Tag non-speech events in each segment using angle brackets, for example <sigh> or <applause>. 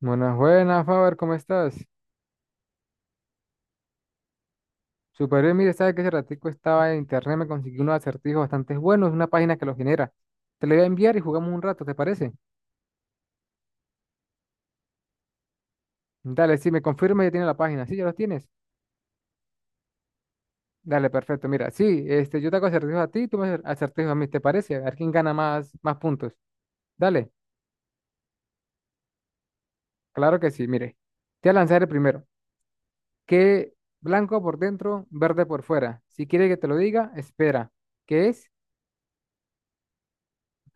Buenas, buenas, Faber, ¿cómo estás? Super bien mire, sabes que ese ratico estaba en internet, me conseguí unos acertijos bastante buenos, una página que los genera. Te lo voy a enviar y jugamos un rato, ¿te parece? Dale, sí, me confirma ya tiene la página. Sí, ya los tienes. Dale, perfecto. Mira, sí, este, yo te hago acertijos a ti, tú me haces acertijos a mí, ¿te parece? A ver quién gana más puntos. Dale, claro que sí, mire. Te voy a lanzar el primero. Que blanco por dentro, verde por fuera. Si quiere que te lo diga, espera. ¿Qué es?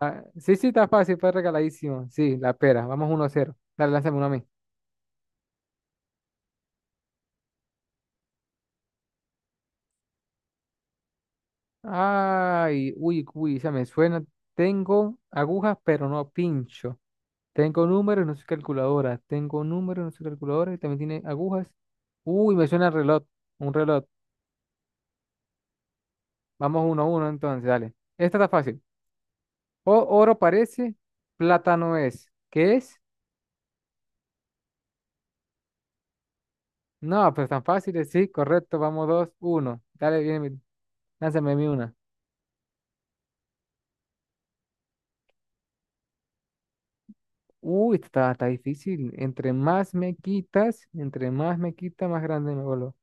Ah, sí, sí, está fácil, fue regaladísimo. Sí, la pera. Vamos 1 0. Dale, lánzame uno a mí. Ay, uy, uy, ya me suena. Tengo agujas, pero no pincho. Tengo números, no soy calculadora. Tengo números, no soy calculadora. Y también tiene agujas. Uy, me suena el reloj. Un reloj. Vamos 1 a 1 entonces, dale. Esta está fácil. O oro parece, plata no es. ¿Qué es? No, pero tan fácil, sí, correcto. Vamos 2-1. Dale, bien, lánzame a mí una. Uy, está difícil. Entre más me quita, más grande me vuelvo.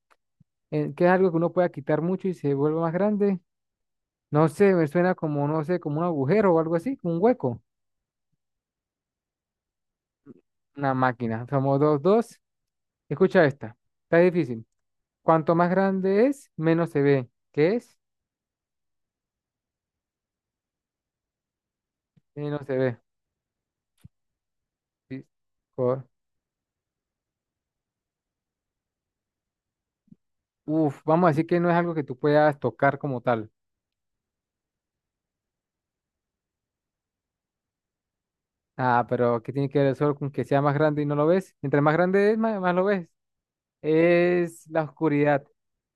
¿Qué es algo que uno pueda quitar mucho y se vuelve más grande? No sé, me suena como, no sé, como un agujero o algo así, como un hueco. Una máquina. Somos 2-2. Escucha esta. Está difícil. Cuanto más grande es, menos se ve. ¿Qué es? Menos se ve. Sí, cor- uf, vamos a decir que no es algo que tú puedas tocar como tal. Ah, pero ¿qué tiene que ver el sol con que sea más grande y no lo ves? Entre más grande es, más lo ves. Es la oscuridad.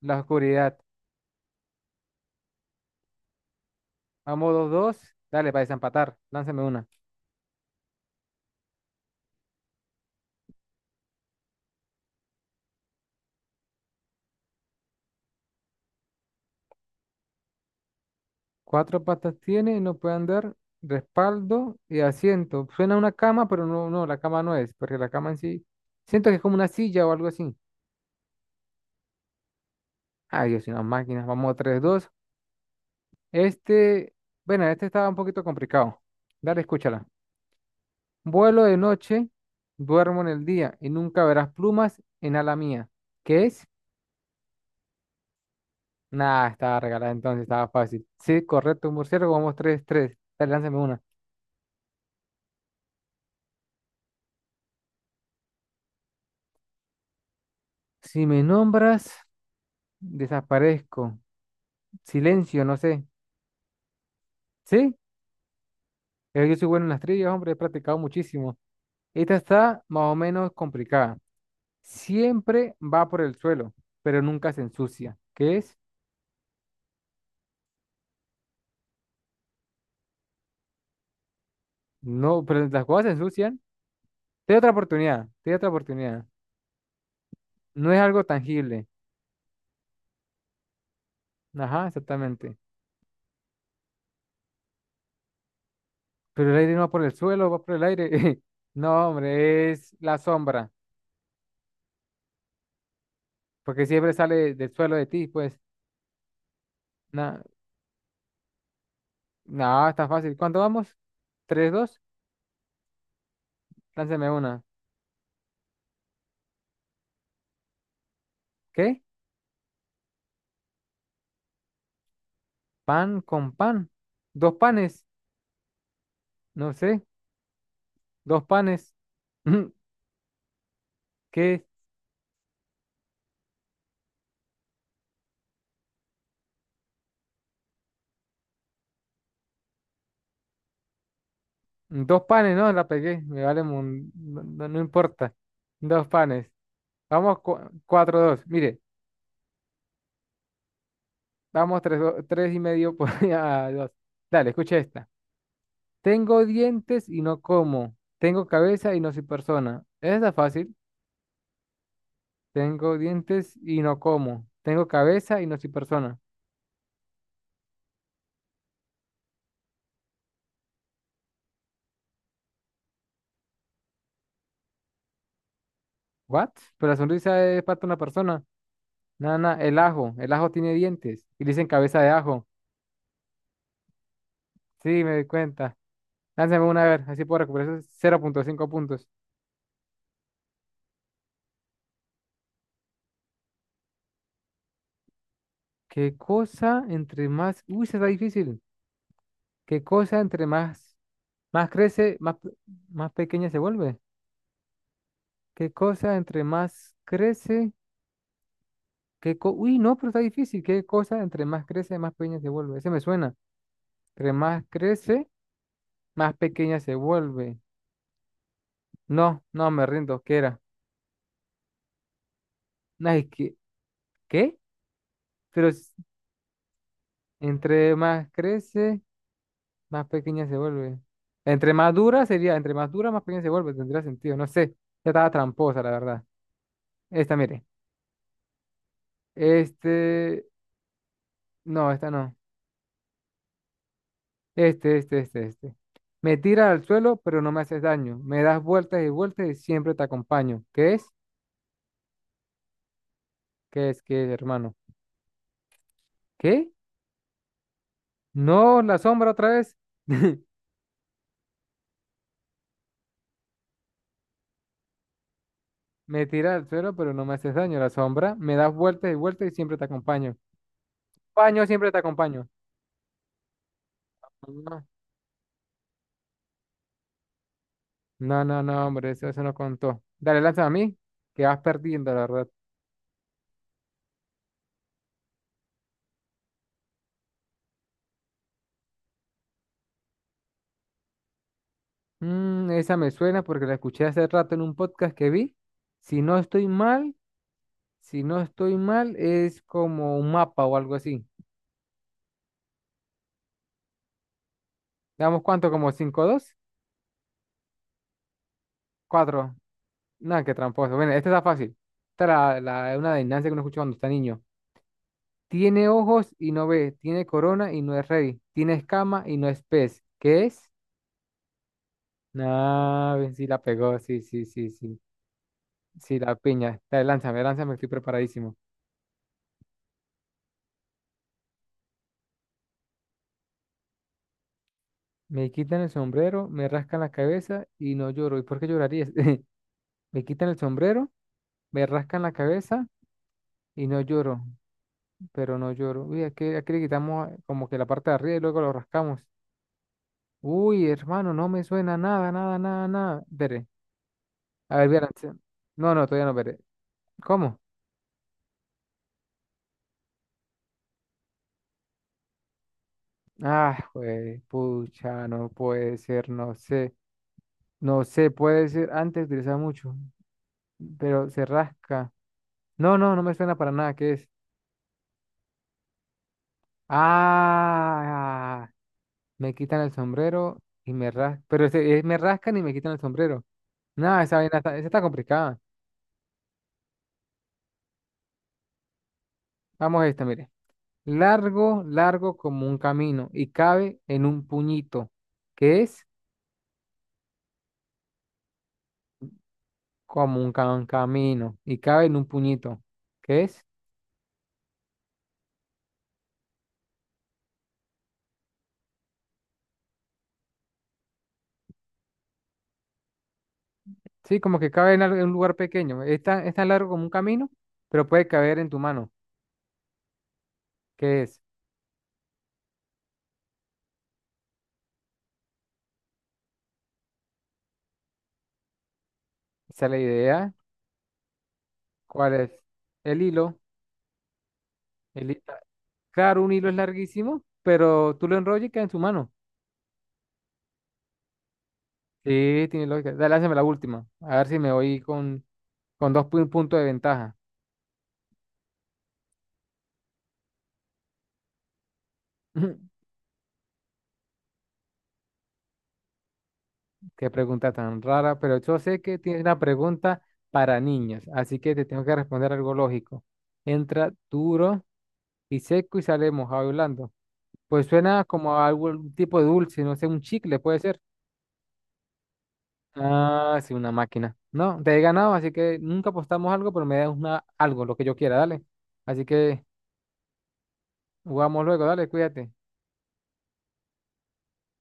La oscuridad. Vamos 2-2. Dale, para desempatar. Lánzame una. Cuatro patas tiene, no puede andar. Respaldo y asiento. Suena a una cama, pero no, no, la cama no es, porque la cama en sí. Siento que es como una silla o algo así. Ay, Dios, una máquina. Vamos a 3-2. Este, bueno, este estaba un poquito complicado. Dale, escúchala. Vuelo de noche, duermo en el día y nunca verás plumas en ala mía. ¿Qué es? Nada, estaba regalada entonces, estaba fácil. Sí, correcto, murciélago, vamos 3-3. Dale, lánzame una. Si me nombras, desaparezco. Silencio, no sé. ¿Sí? Yo soy bueno en las trivias, hombre, he practicado muchísimo. Esta está más o menos complicada. Siempre va por el suelo, pero nunca se ensucia. ¿Qué es? No, pero las cosas se ensucian. Te doy otra oportunidad, te doy otra oportunidad. No es algo tangible. Ajá, exactamente. Pero el aire no va por el suelo, va por el aire. <laughs> No, hombre, es la sombra. Porque siempre sale del suelo de ti, pues. Nada, nada, está fácil. ¿Cuánto vamos? ¿3-2? Lánzame una. ¿Qué? Pan con pan. Dos panes. No sé. Dos panes. <laughs> ¿Qué? Dos panes, no, la pegué. Me vale, no, no importa. Dos panes. Vamos, 4-2. Mire, vamos tres, 3,5 por <laughs> a 2. Dale, escucha esta. Tengo dientes y no como. Tengo cabeza y no soy persona. Esa está fácil. Tengo dientes y no como. Tengo cabeza y no soy persona. ¿What? Pero la sonrisa es parte de una persona. Nada, nada. El ajo. El ajo tiene dientes. Y le dicen cabeza de ajo. Sí, me di cuenta. Lánzame una a ver. Así puedo recuperar esos 0,5 puntos. ¿Qué cosa entre más... Uy, se está difícil. ¿Qué cosa entre más... Más crece, más, pe- más pequeña se vuelve? ¿Qué cosa entre más crece? ¿Qué co... Uy, no, pero está difícil. ¿Qué cosa entre más crece, más pequeña se vuelve? Ese me suena. Entre más crece... más pequeña se vuelve. No, no, me rindo, ¿qué era? No, es que, ¿qué? Pero s- entre más crece, más pequeña se vuelve. Entre más dura, más pequeña se vuelve, tendría sentido, no sé. Ya estaba tramposa, la verdad. Esta, mire. Este, no, esta no. Este. Me tiras al suelo, pero no me haces daño. Me das vueltas y vueltas y siempre te acompaño. ¿Qué es? ¿Qué es? ¿Qué es, hermano? ¿Qué? No, la sombra otra vez. <laughs> Me tira al suelo, pero no me haces daño. La sombra me das vueltas y vueltas y siempre te acompaño. Paño, siempre te acompaño. No, no, hombre, eso no contó. Dale, lanza a mí, que vas perdiendo, la verdad. Mm, esa me suena porque la escuché hace rato en un podcast que vi. Si no estoy mal, si no estoy mal, es como un mapa o algo así. ¿Damos cuánto? Como 5-2 cuatro. Nada, qué tramposo. Bueno, esta está fácil. Esta es una adivinanza que uno escucha cuando está niño. Tiene ojos y no ve, tiene corona y no es rey, tiene escama y no es pez. ¿Qué es? No, ven, sí la pegó, sí, sí, sí, sí. Sí, la piña. Dale, lánzame, lánzame, estoy preparadísimo. Me quitan el sombrero, me rascan la cabeza y no lloro. ¿Y por qué llorarías? <laughs> Me quitan el sombrero, me rascan la cabeza y no lloro, pero no lloro. Uy, aquí, aquí le quitamos como que la parte de arriba y luego lo rascamos. Uy, hermano, no me suena nada, nada, nada, nada. Veré. A ver, verán. No, no, todavía no veré. ¿Cómo? Ah, güey, pucha, no puede ser, no sé, no sé, puede ser, antes utilizaba mucho, pero se rasca. No, no, no me suena para nada, ¿qué es? Ah, me quitan el sombrero y me rascan, pero me rascan y me quitan el sombrero. Nada, esa vaina está, esa está complicada. Vamos a esta, mire. Largo, largo como un camino y cabe en un puñito. ¿Qué es un camino y cabe en un puñito, ¿qué es? Sí, como que cabe en un lugar pequeño. Es tan largo como un camino, pero puede caber en tu mano. ¿Qué es? Esa es la idea. ¿Cuál es? El hilo. El, hi- claro, un hilo es larguísimo, pero tú lo enrollas y queda en tu mano. Sí, tiene lógica. Dale, hazme la última. A ver si me voy con 2 puntos de ventaja. <laughs> Qué pregunta tan rara, pero yo sé que tiene una pregunta para niños, así que te tengo que responder algo lógico. Entra duro y seco y sale mojado y blando. Pues suena como a algún tipo de dulce, no sé, un chicle puede ser. Ah, sí, una máquina. No, te he ganado, así que nunca apostamos algo, pero me das una, algo, lo que yo quiera, dale. Así que jugamos luego, dale, cuídate.